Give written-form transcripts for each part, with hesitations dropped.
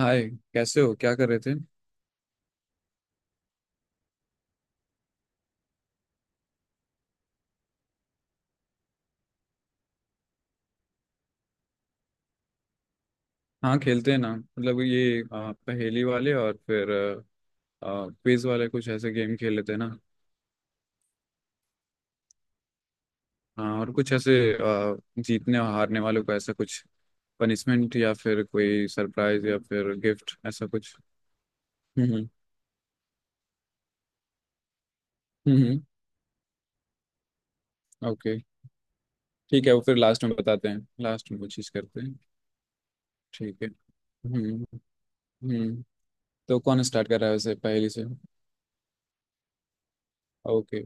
हाय। कैसे हो? क्या कर रहे थे? हाँ, खेलते हैं ना। मतलब ये पहेली वाले और फिर क्विज वाले, कुछ ऐसे गेम खेल लेते हैं ना। हाँ, और कुछ ऐसे जीतने और हारने वालों को ऐसा कुछ पनिशमेंट, या फिर कोई सरप्राइज, या फिर गिफ्ट ऐसा कुछ। हम्म, हम्म। हम्म। ओके। ठीक है, वो फिर लास्ट में बताते हैं। लास्ट में कोशिश करते हैं। ठीक है। हम्म, हम्म। तो कौन स्टार्ट कर रहा है वैसे पहेली से? ओके।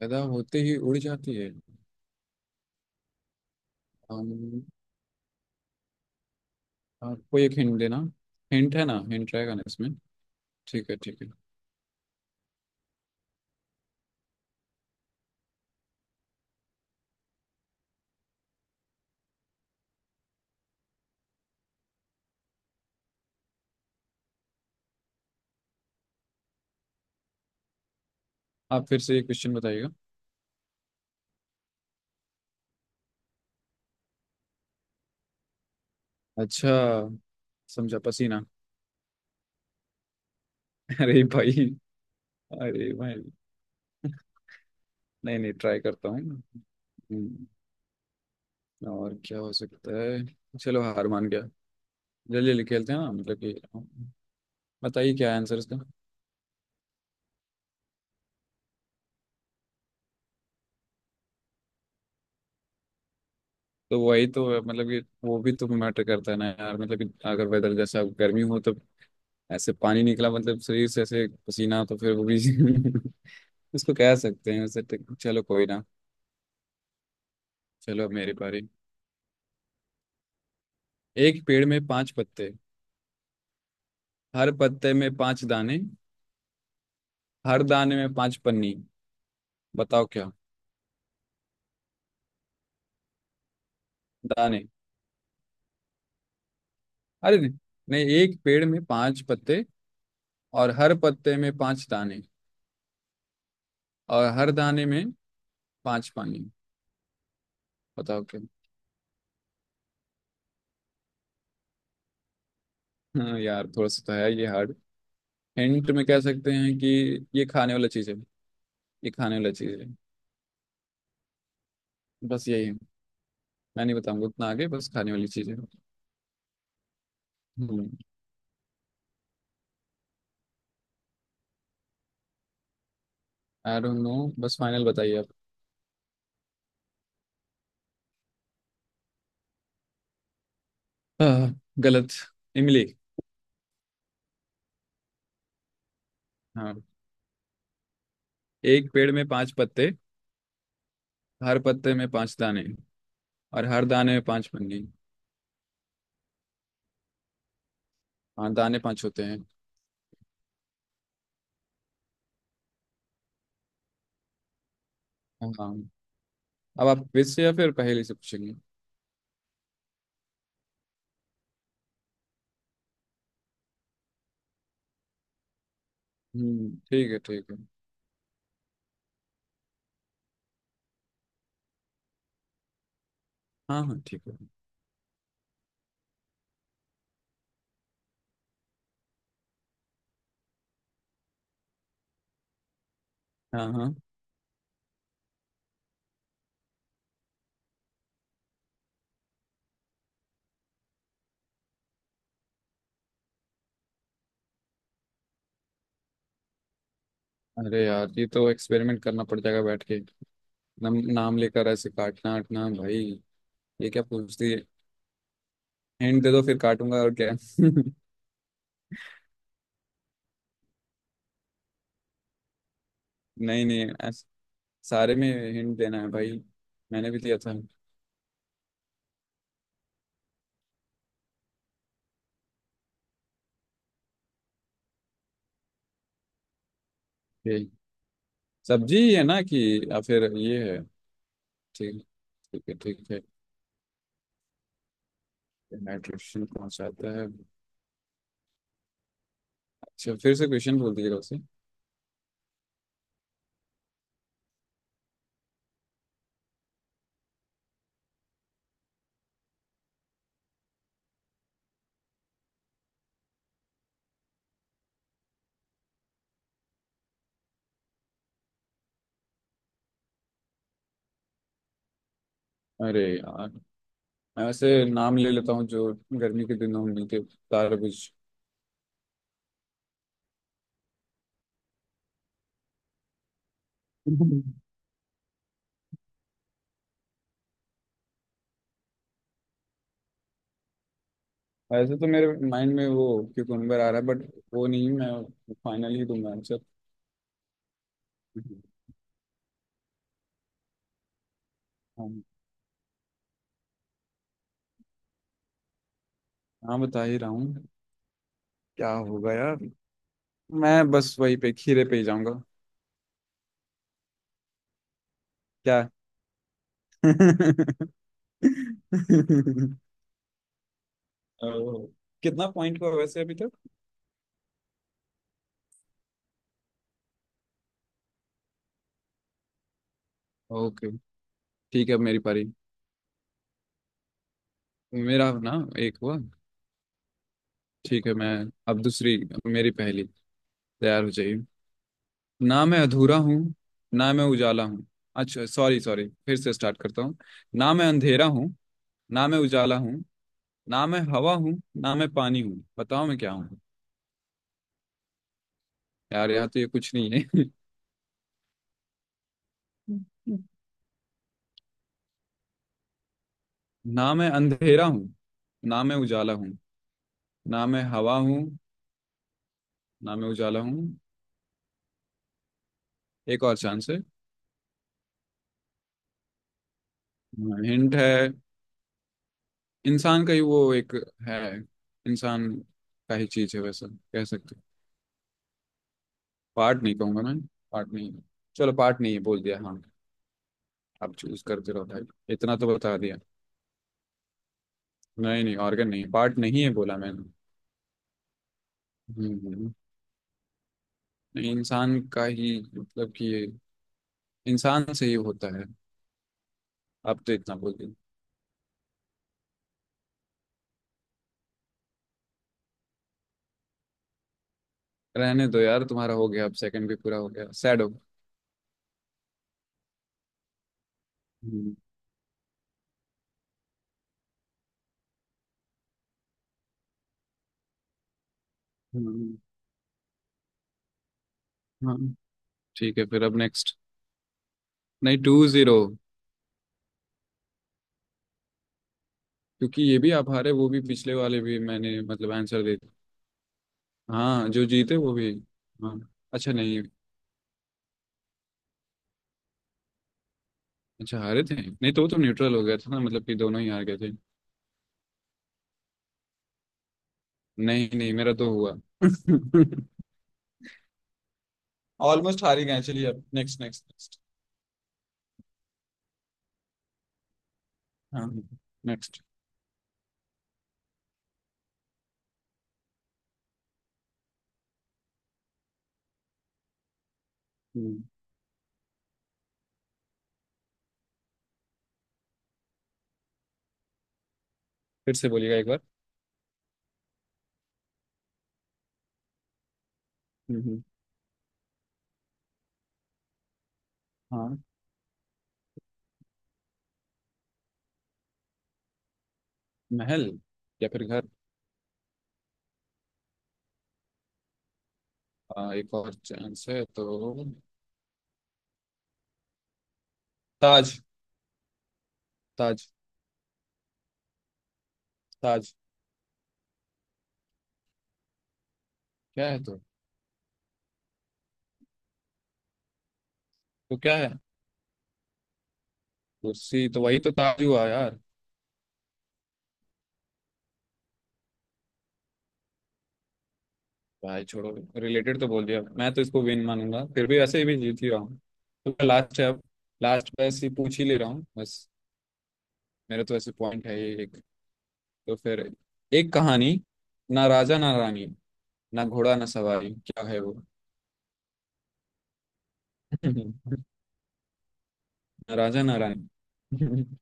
पैदा होते ही उड़ जाती है। आप कोई एक हिंट देना। हिंट है ना, हिंट रहेगा ना इसमें? ठीक है, ठीक है। आप फिर से ये क्वेश्चन बताइएगा। अच्छा, समझा। पसीना। अरे भाई। अरे भाई। नहीं नहीं, ट्राई करता हूँ। और क्या हो सकता है। चलो, हार मान गया। जल्दी जल्दी खेलते हैं ना, मतलब कि बताइए क्या आंसर इसका। तो वही तो है, मतलब कि वो भी तो मैटर करता है ना यार। मतलब कि अगर वेदर जैसा गर्मी हो तो ऐसे पानी निकला, मतलब शरीर से ऐसे पसीना, तो फिर वो भी इसको कह सकते हैं वैसे चलो, कोई ना। चलो अब मेरी बारी। एक पेड़ में पांच पत्ते, हर पत्ते में पांच दाने, हर दाने में पांच पन्नी, बताओ क्या। दाने। अरे नहीं, नहीं, एक पेड़ में पांच पत्ते, और हर पत्ते में पांच दाने, और हर दाने में पांच पानी, बताओ क्या। हाँ यार, थोड़ा सा तो है, ये हार्ड। हिंट में कह सकते हैं कि ये खाने वाला चीज है। ये खाने वाला चीज है। बस यही है। मैं नहीं बताऊंगा उतना आगे, बस खाने वाली चीज है। हम्म। I don't know. बस फाइनल बताइए आप। आह, गलत। इमली। हाँ, एक पेड़ में पांच पत्ते, हर पत्ते में पांच दाने, और हर दाने में पांच पन्नी। हाँ, दाने पांच होते हैं। हाँ। अब आप क्विज से या फिर पहेली से पूछेंगे? हम्म, ठीक है, ठीक है। हाँ हाँ, ठीक है। हाँ, हाँ। अरे यार, ये तो एक्सपेरिमेंट करना पड़ जाएगा बैठ के। नाम लेकर ऐसे काटना आटना, भाई ये क्या पूछती है। हिंट दे दो, फिर काटूंगा और क्या। नहीं नहीं, सारे में हिंट देना है भाई, मैंने भी दिया था। सब्जी ही है ना, कि या फिर ये है? ठीक, ठीक है, ठीक है। न्यूट्रिशन पहुंचाता है। अच्छा, फिर से क्वेश्चन बोल दीजिएगा उसे। अरे यार, मैं वैसे नाम ले लेता हूँ जो गर्मी के दिनों में मिलते। तारबूज। वैसे तो मेरे माइंड में वो क्यूकम्बर आ रहा है, बट वो नहीं, मैं फाइनली दूंगा आंसर। हाँ। हाँ, बता ही रहा हूँ। क्या होगा यार। मैं बस वही पे, खीरे पे ही जाऊंगा। क्या। ओ, कितना पॉइंट हुआ वैसे अभी तक? ओके। ठीक है, अब मेरी पारी। मेरा ना एक हुआ। ठीक है, मैं अब दूसरी, मेरी पहली, तैयार हो जाइए। ना मैं अधूरा हूँ, ना मैं उजाला हूँ। अच्छा सॉरी, सॉरी, फिर से स्टार्ट करता हूँ। ना मैं अंधेरा हूँ, ना मैं उजाला हूँ, ना मैं हवा हूँ, ना मैं पानी हूँ, बताओ मैं क्या हूँ। यार यहाँ तो ये कुछ नहीं है। ना मैं अंधेरा हूँ, ना मैं उजाला हूँ, ना मैं हवा हूँ, ना मैं उजाला हूँ। एक और चांस है। हिंट है, इंसान का ही वो एक है। इंसान का ही चीज है वैसा कह सकते हो। पार्ट नहीं कहूंगा मैं, पार्ट नहीं है। चलो पार्ट नहीं है बोल दिया, हाँ। आप चूज करते रहो भाई, इतना तो बता दिया। नहीं नहीं, ऑर्गन नहीं, पार्ट नहीं है बोला मैंने। हम्म, नहीं, इंसान का ही मतलब कि ये इंसान से ही होता है। आप तो इतना बोल दिया। रहने दो यार, तुम्हारा हो गया, अब सेकंड भी पूरा हो गया, सैड हो। हम्म, हम्म। हाँ, ठीक है, फिर अब नेक्स्ट। नहीं, टू जीरो। क्योंकि ये भी आप हारे, वो भी पिछले वाले भी, मैंने मतलब आंसर दे दिया। हाँ, जो जीते वो भी। हाँ। अच्छा नहीं, अच्छा हारे थे नहीं, तो वो तो न्यूट्रल हो गया था ना, मतलब कि दोनों ही हार गए थे। नहीं नहीं, मेरा तो हुआ। ऑलमोस्ट हार ही गए। चलिए, अब नेक्स्ट, नेक्स्ट, नेक्स्ट। हाँ, नेक्स्ट। फिर से बोलिएगा एक बार। हम्म। हाँ। महल, या फिर घर। हाँ, एक और चांस है तो। ताज। ताज। ताज। क्या है तो? तो क्या है? कुर्सी तो वही तो ताज हुआ यार। भाई छोड़ो, रिलेटेड तो बोल दिया, मैं तो इसको विन मानूंगा। फिर भी वैसे ही भी जीत ही रहा हूँ। तो लास्ट है अब, लास्ट बस ही पूछ ही ले रहा हूँ बस। मेरे तो ऐसे पॉइंट है ये एक। तो फिर, एक कहानी, ना राजा ना रानी, ना घोड़ा ना सवारी, क्या है वो? ना राजा ना रानी।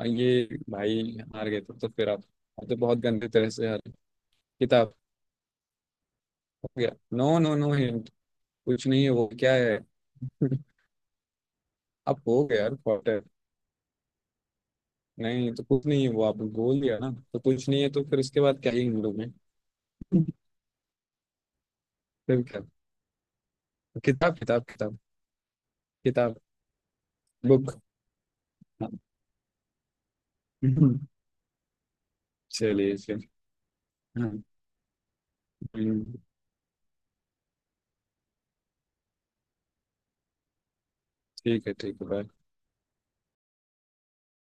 और ये भाई हार गए तो फिर आप तो बहुत गंदे तरह से हार गए। किताब। हो गया। No no, no hint. कुछ नहीं है वो, क्या है? आप, हो गया यार। नहीं तो, कुछ नहीं है वो आपने बोल दिया ना, तो कुछ नहीं है, तो फिर उसके बाद क्या ही हम लोग हैं। फिर क्या किताब, किताब, किताब। किताब। बुक। चलिए फिर। हाँ, हम्म, ठीक है, ठीक है, bye।